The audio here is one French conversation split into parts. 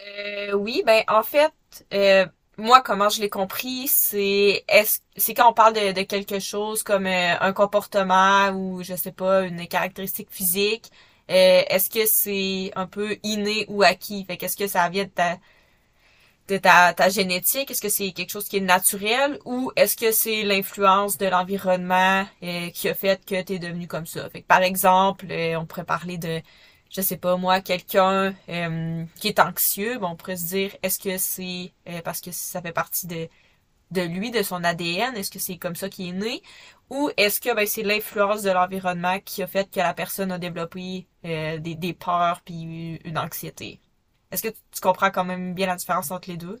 Oui, ben en fait, euh, moi, comment je l'ai compris, c'est est-ce c'est quand on parle de quelque chose comme un comportement ou je sais pas, une caractéristique physique, est-ce que c'est un peu inné ou acquis? Fait qu'est-ce que ça vient de ta génétique? Est-ce que c'est quelque chose qui est naturel ou est-ce que c'est l'influence de l'environnement qui a fait que tu es devenu comme ça? Fait que, par exemple, on pourrait parler de, je sais pas moi, quelqu'un qui est anxieux, ben, on pourrait se dire, est-ce que c'est parce que ça fait partie de lui, de son ADN? Est-ce que c'est comme ça qu'il est né? Ou est-ce que ben, c'est l'influence de l'environnement qui a fait que la personne a développé des peurs puis une anxiété? Est-ce que tu comprends quand même bien la différence entre les deux?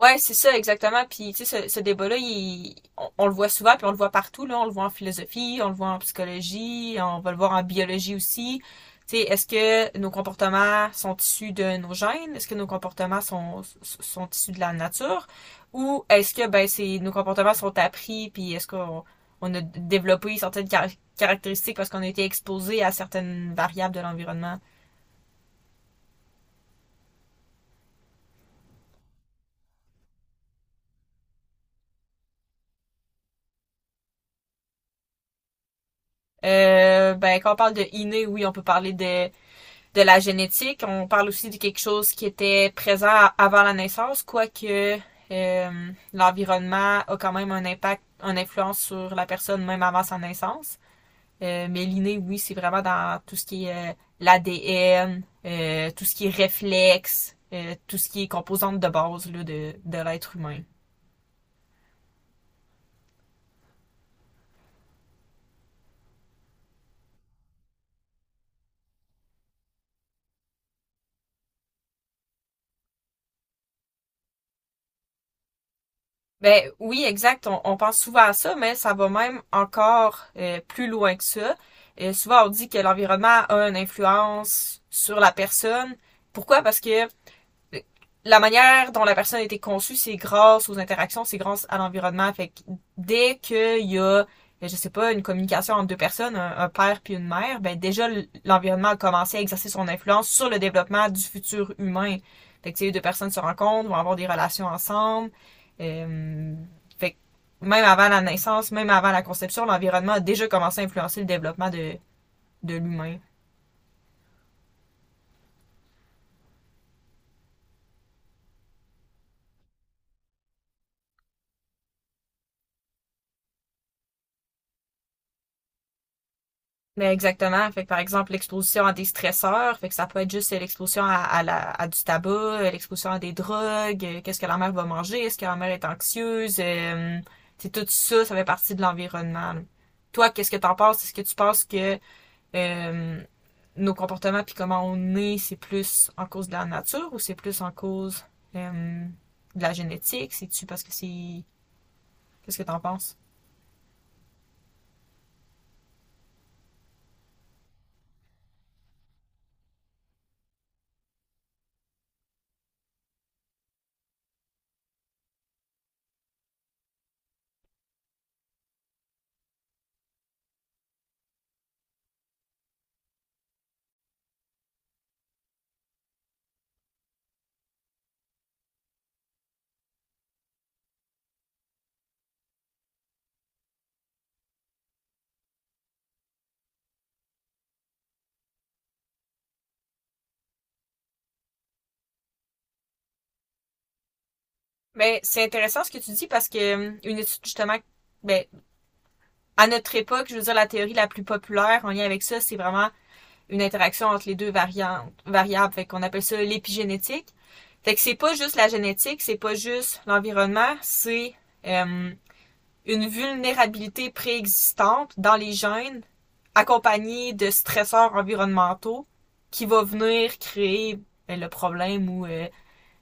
Ouais, c'est ça, exactement. Puis, tu sais, ce débat-là, on le voit souvent, puis on le voit partout, là. On le voit en philosophie, on le voit en psychologie, on va le voir en biologie aussi. Tu sais, est-ce que nos comportements sont issus de nos gènes? Est-ce que nos comportements sont issus de la nature? Ou est-ce que, ben, c'est, nos comportements sont appris, puis est-ce qu'on on a développé caractéristiques parce qu'on a été exposé à certaines variables de l'environnement? Ben, quand on parle de inné, oui, on peut parler de la génétique. On parle aussi de quelque chose qui était présent avant la naissance, quoique l'environnement a quand même un impact, une influence sur la personne même avant sa naissance. Mais l'inné, oui, c'est vraiment dans tout ce qui est l'ADN, tout ce qui est réflexe, tout ce qui est composante de base là, de l'être humain. Ben oui, exact. On pense souvent à ça, mais ça va même encore plus loin que ça. Souvent, on dit que l'environnement a une influence sur la personne. Pourquoi? Parce que la manière dont la personne a été conçue, c'est grâce aux interactions, c'est grâce à l'environnement. Fait que dès qu'il y a, ben, je sais pas, une communication entre deux personnes, un père puis une mère, ben déjà l'environnement a commencé à exercer son influence sur le développement du futur humain. Fait que si les deux personnes se rencontrent, vont avoir des relations ensemble. Euh, Fait que même avant la naissance, même avant la conception, l'environnement a déjà commencé à influencer le développement de l'humain. Mais exactement. Fait que, par exemple, l'exposition à des stresseurs, fait que ça peut être juste l'exposition à du tabac, l'exposition à des drogues, qu'est-ce que la mère va manger, est-ce que la mère est anxieuse, c'est tout ça, ça fait partie de l'environnement. Là. Toi, qu'est-ce que t'en penses? Est-ce que tu penses que euh, nos comportements puis comment on est, c'est plus en cause de la nature ou c'est plus en cause euh, de la génétique? C'est-tu parce que c'est... Qu'est-ce que t'en penses? Ben c'est intéressant ce que tu dis parce que une étude justement, ben, à notre époque, je veux dire, la théorie la plus populaire en lien avec ça, c'est vraiment une interaction entre les deux variantes, variables. Fait qu'on appelle ça l'épigénétique. Fait que c'est pas juste la génétique, c'est pas juste l'environnement, c'est euh, une vulnérabilité préexistante dans les gènes accompagnée de stresseurs environnementaux qui va venir créer le problème ou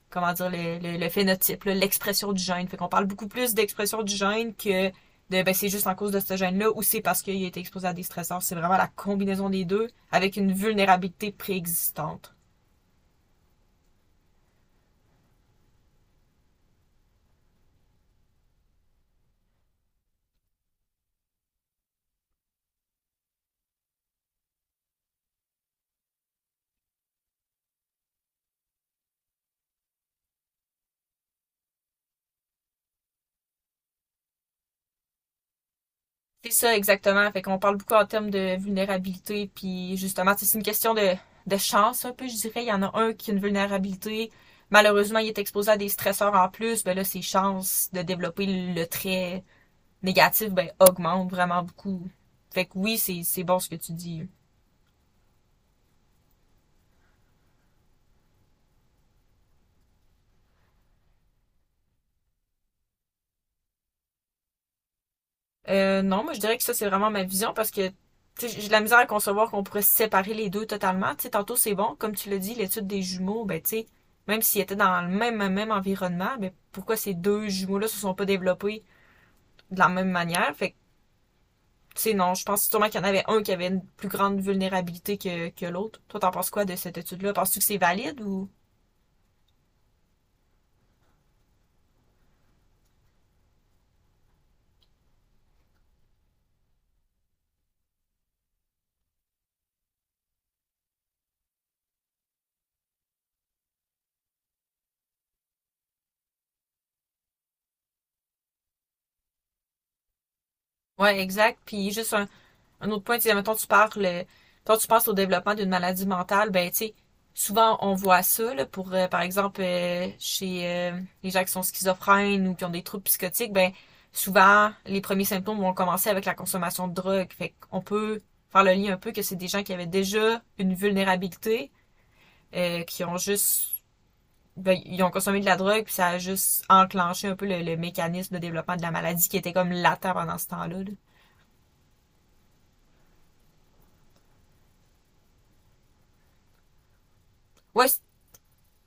comment dire, le phénotype, là, l'expression du gène. Fait qu'on parle beaucoup plus d'expression du gène que de ben, c'est juste en cause de ce gène-là ou c'est parce qu'il a été exposé à des stressors. C'est vraiment la combinaison des deux avec une vulnérabilité préexistante. C'est ça exactement. Fait qu'on parle beaucoup en termes de vulnérabilité, puis justement, c'est une question de chance un peu, je dirais. Il y en a un qui a une vulnérabilité. Malheureusement, il est exposé à des stresseurs en plus. Ben là, c'est chance de développer le trait négatifs ben, augmentent vraiment beaucoup. Fait que oui, c'est bon ce que tu dis. Non, moi je dirais que ça c'est vraiment ma vision parce que j'ai de la misère à concevoir qu'on pourrait séparer les deux totalement. T'sais, tantôt c'est bon, comme tu l'as dit, l'étude des jumeaux, ben tu sais, même s'ils étaient dans même environnement, ben pourquoi ces deux jumeaux-là se sont pas développés de la même manière? Fait que tu sais, non, je pense sûrement qu'il y en avait un qui avait une plus grande vulnérabilité que l'autre. Toi, t'en penses quoi de cette étude-là? Penses-tu que c'est valide ou Ouais, exact. Puis juste un autre point, tu sais, mettons, tu parles, quand tu penses au développement d'une maladie mentale, ben, tu sais, souvent on voit ça, là, pour, par exemple, chez les gens qui sont schizophrènes ou qui ont des troubles psychotiques, ben, souvent, les premiers symptômes vont commencer avec la consommation de drogue. Fait qu'on peut faire le lien un peu que c'est des gens qui avaient déjà une vulnérabilité, qui ont juste, ben, ils ont consommé de la drogue, puis ça a juste enclenché un peu le mécanisme de développement de la maladie qui était comme latent pendant ce temps-là, là. Ouais,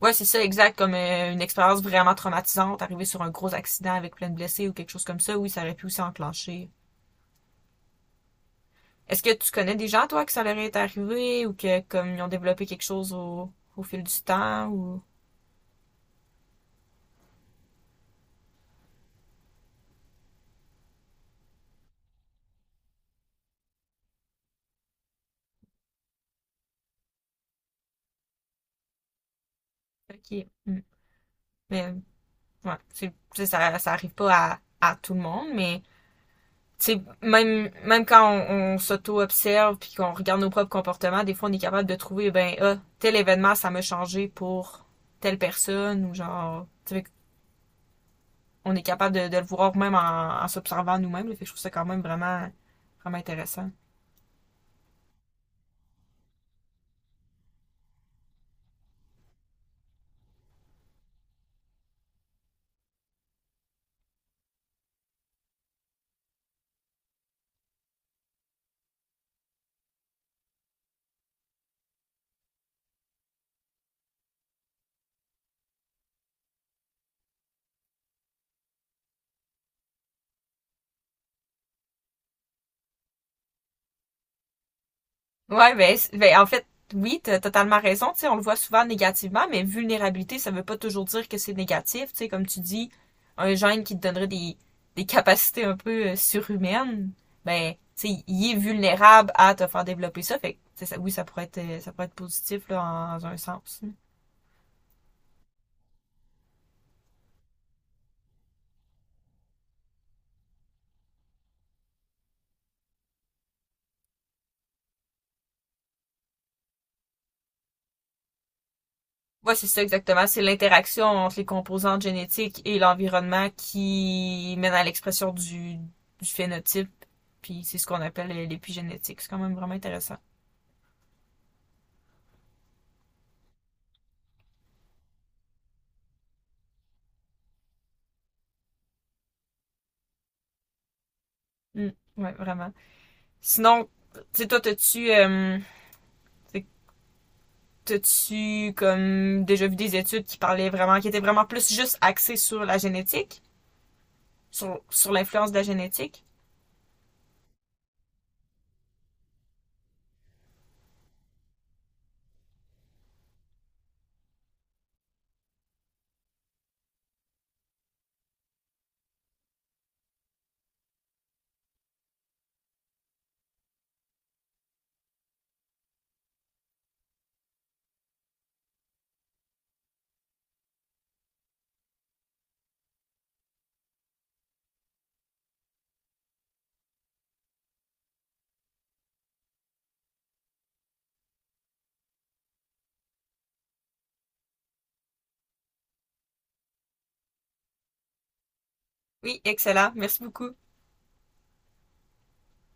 Ouais, c'est ça, exact, comme une expérience vraiment traumatisante, arriver sur un gros accident avec plein de blessés ou quelque chose comme ça, oui, ça aurait pu aussi enclencher. Est-ce que tu connais des gens, toi, que ça leur est arrivé ou que comme ils ont développé quelque chose au, au fil du temps ou... Ok. Mm. Mais ouais, ça, ça arrive pas à, à tout le monde, mais tu sais, même quand on s'auto-observe puis qu'on regarde nos propres comportements, des fois on est capable de trouver, ben, ah, tel événement, ça m'a changé pour telle personne ou genre, tu sais, on est capable de le voir même en s'observant nous-mêmes. Là. Fait que je trouve ça quand même vraiment, vraiment intéressant. Ben en fait, oui, t'as totalement raison. Tu sais, on le voit souvent négativement, mais vulnérabilité, ça veut pas toujours dire que c'est négatif. Tu sais, comme tu dis, un gène qui te donnerait des capacités un peu surhumaines, ben, tu sais, il est vulnérable à te faire développer ça. Fait que, oui, ça pourrait être positif, là, dans un sens. Ouais, c'est ça exactement. C'est l'interaction entre les composantes génétiques et l'environnement qui mène à l'expression du phénotype. Puis c'est ce qu'on appelle l'épigénétique. C'est quand même vraiment intéressant. Mm. Ouais, vraiment. Sinon, tu sais, toi, t'as-tu comme déjà vu des études qui parlaient vraiment, qui étaient vraiment plus juste axées sur la génétique, sur l'influence de la génétique? Oui, excellent. Merci beaucoup.